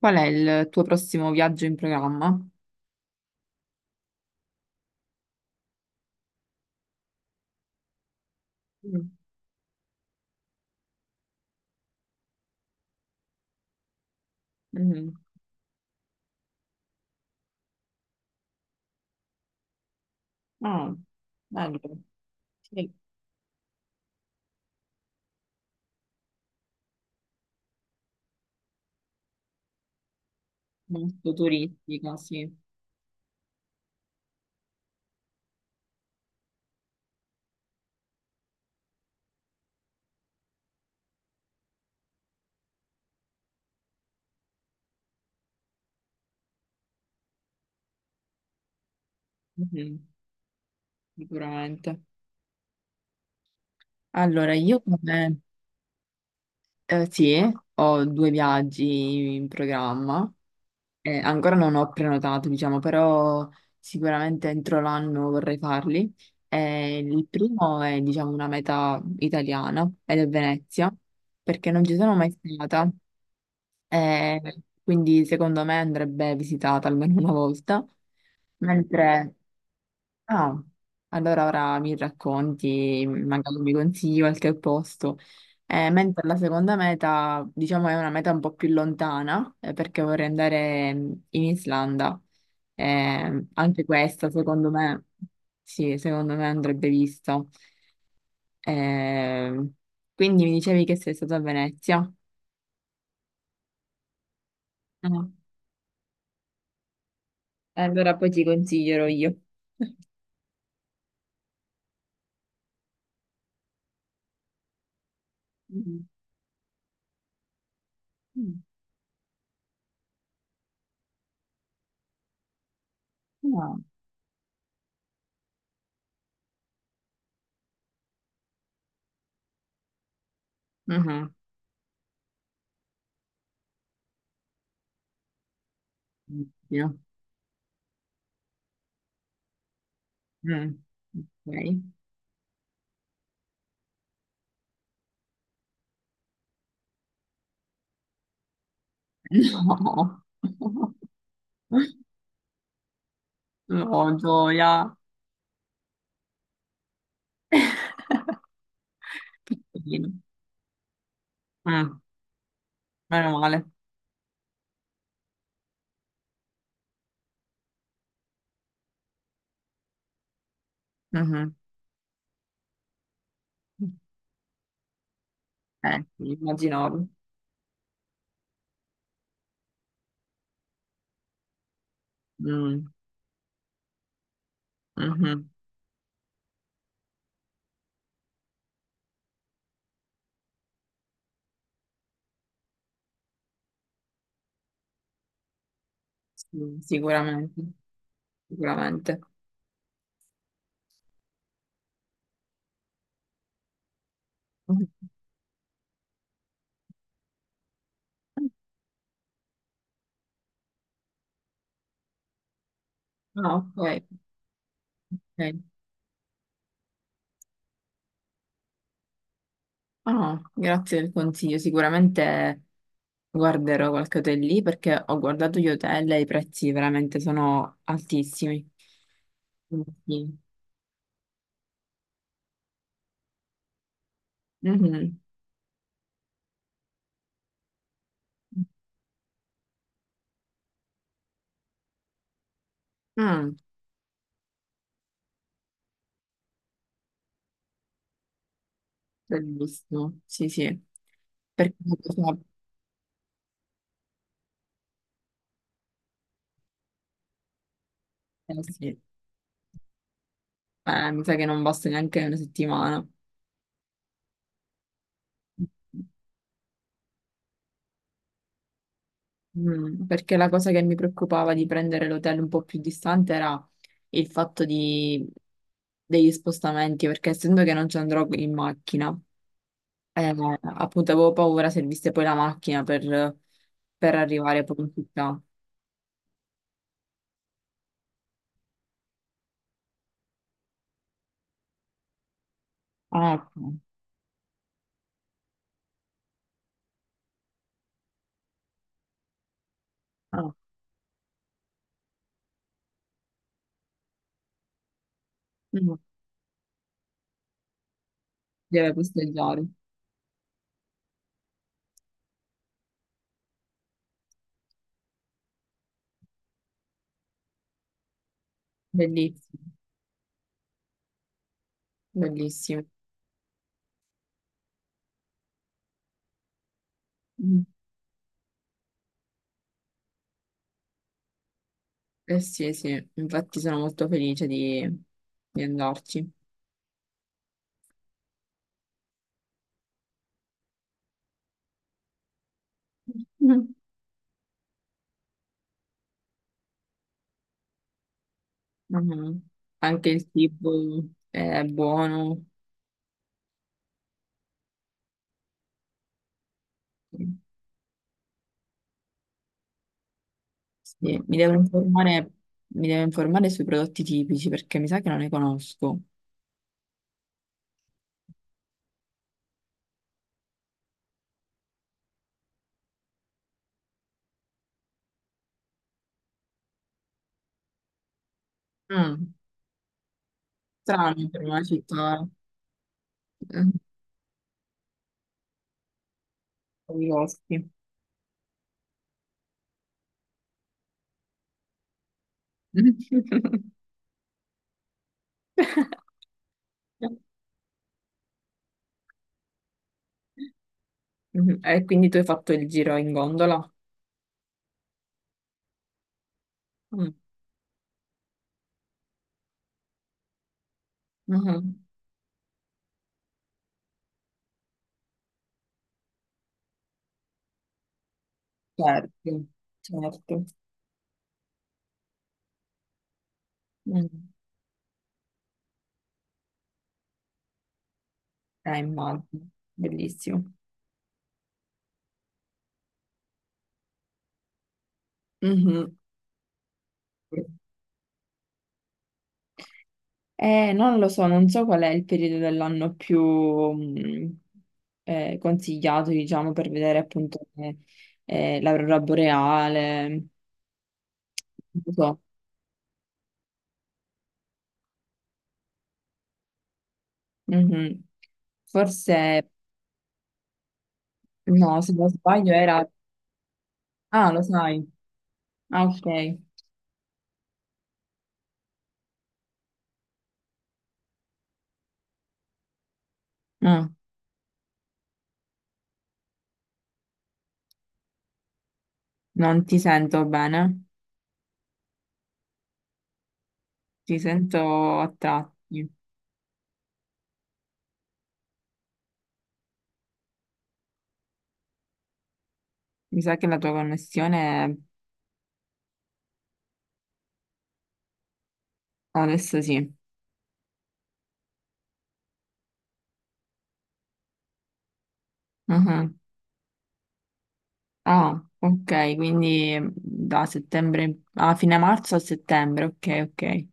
Qual è il tuo prossimo viaggio in programma? Mm, mhm. Ah, bello. Sì, molto turistico, sì, mhm, sicuramente. Allora, io come... sì, ho due viaggi in programma. Ancora non ho prenotato, diciamo, però sicuramente entro l'anno vorrei farli. Il primo è, diciamo, una meta italiana ed è Venezia, perché non ci sono mai stata. Eh, quindi secondo me andrebbe visitata almeno una volta. Mentre, ah, allora ora mi racconti, magari mi consigli qualche posto. Mentre la seconda meta, diciamo, è una meta un po' più lontana, perché vorrei andare in Islanda. Anche questa, secondo me, sì, secondo me andrebbe vista. Eh, quindi mi dicevi che sei stata a Venezia. Ah, allora poi ti consiglierò io. Mhm. Mm. No. Mhm. Oddio. Mm. Ok. No. No, gioia. Che carino. Mm. Meno male. Mhm. Eh sì, immaginavo. Mm. Mhm. Sì, sicuramente. Sicuramente. Mhm. Ah, ok. Ok. Ah, grazie del consiglio. Sicuramente guarderò qualche hotel lì perché ho guardato gli hotel e i prezzi veramente sono altissimi. Mm, sì. Mhm. Ah, bellissimo. Sì, sì. Perché sì. Mi sa che non basta neanche una settimana. Mm, perché la cosa che mi preoccupava di prendere l'hotel un po' più distante era il degli spostamenti, perché essendo che non ci andrò in macchina. Eh, Appunto avevo paura servisse poi la macchina per arrivare poi in città. Ah, ecco. Ah. Mm. Deve posteggiare. Bellissimo, bellissimo. Mm. Sì, eh sì, infatti sono molto felice di andarci. Mm. Mhm. Anche il cibo è buono. Sì, mi devo informare, mi devo informare sui prodotti tipici perché mi sa che non ne conosco. Mm, strano per una città. Con i vostri. Mhm. E quindi tu hai fatto il giro in gondola? Mm. Mhm. Certo, certo. Mm. Immagino, bellissimo. Mhm. Non lo so, non so qual è il periodo dell'anno più consigliato, diciamo, per vedere appunto l'aurora boreale. Non lo so. Mhm. Forse, no, se non sbaglio era... Ah, lo sai. Ah, ok. Ah, non ti sento bene, ti sento a tratti. Mi sa che la tua connessione adesso sì. Ah, ah, ok, quindi da settembre, a fine marzo a settembre, ok, ok.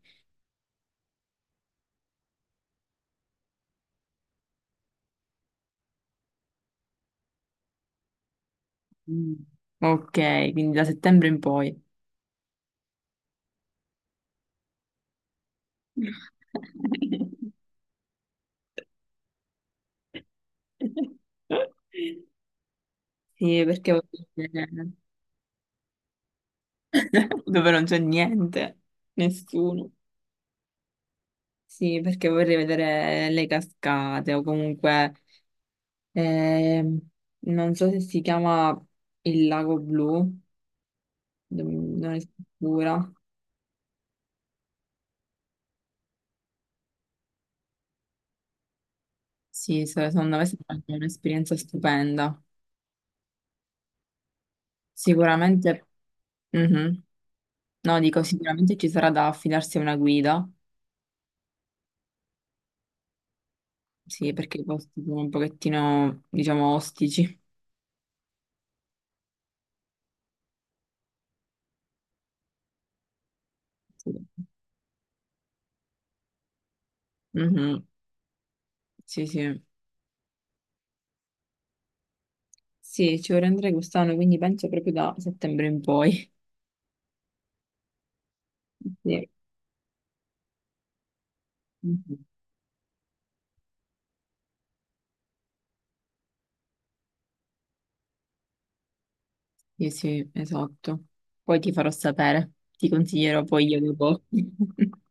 Mm. Ok, quindi da settembre in poi. Sì, perché dove non c'è niente, nessuno. Sì, perché vorrei vedere le cascate o comunque, ehm, non so se si chiama il Lago Blu, non non è sicura. Sì, secondo me sarà un'esperienza stupenda. Sicuramente, mhm. No, dico, sicuramente ci sarà da affidarsi a una guida, sì, perché i posti sono un pochettino, diciamo, ostici. Sì, mhm. Sì, sì. Sì, ci vorrei andare quest'anno, quindi penso proprio da settembre in poi. Sì. Mhm. Sì, sì, esatto. Poi ti farò sapere, ti consiglierò poi io dopo.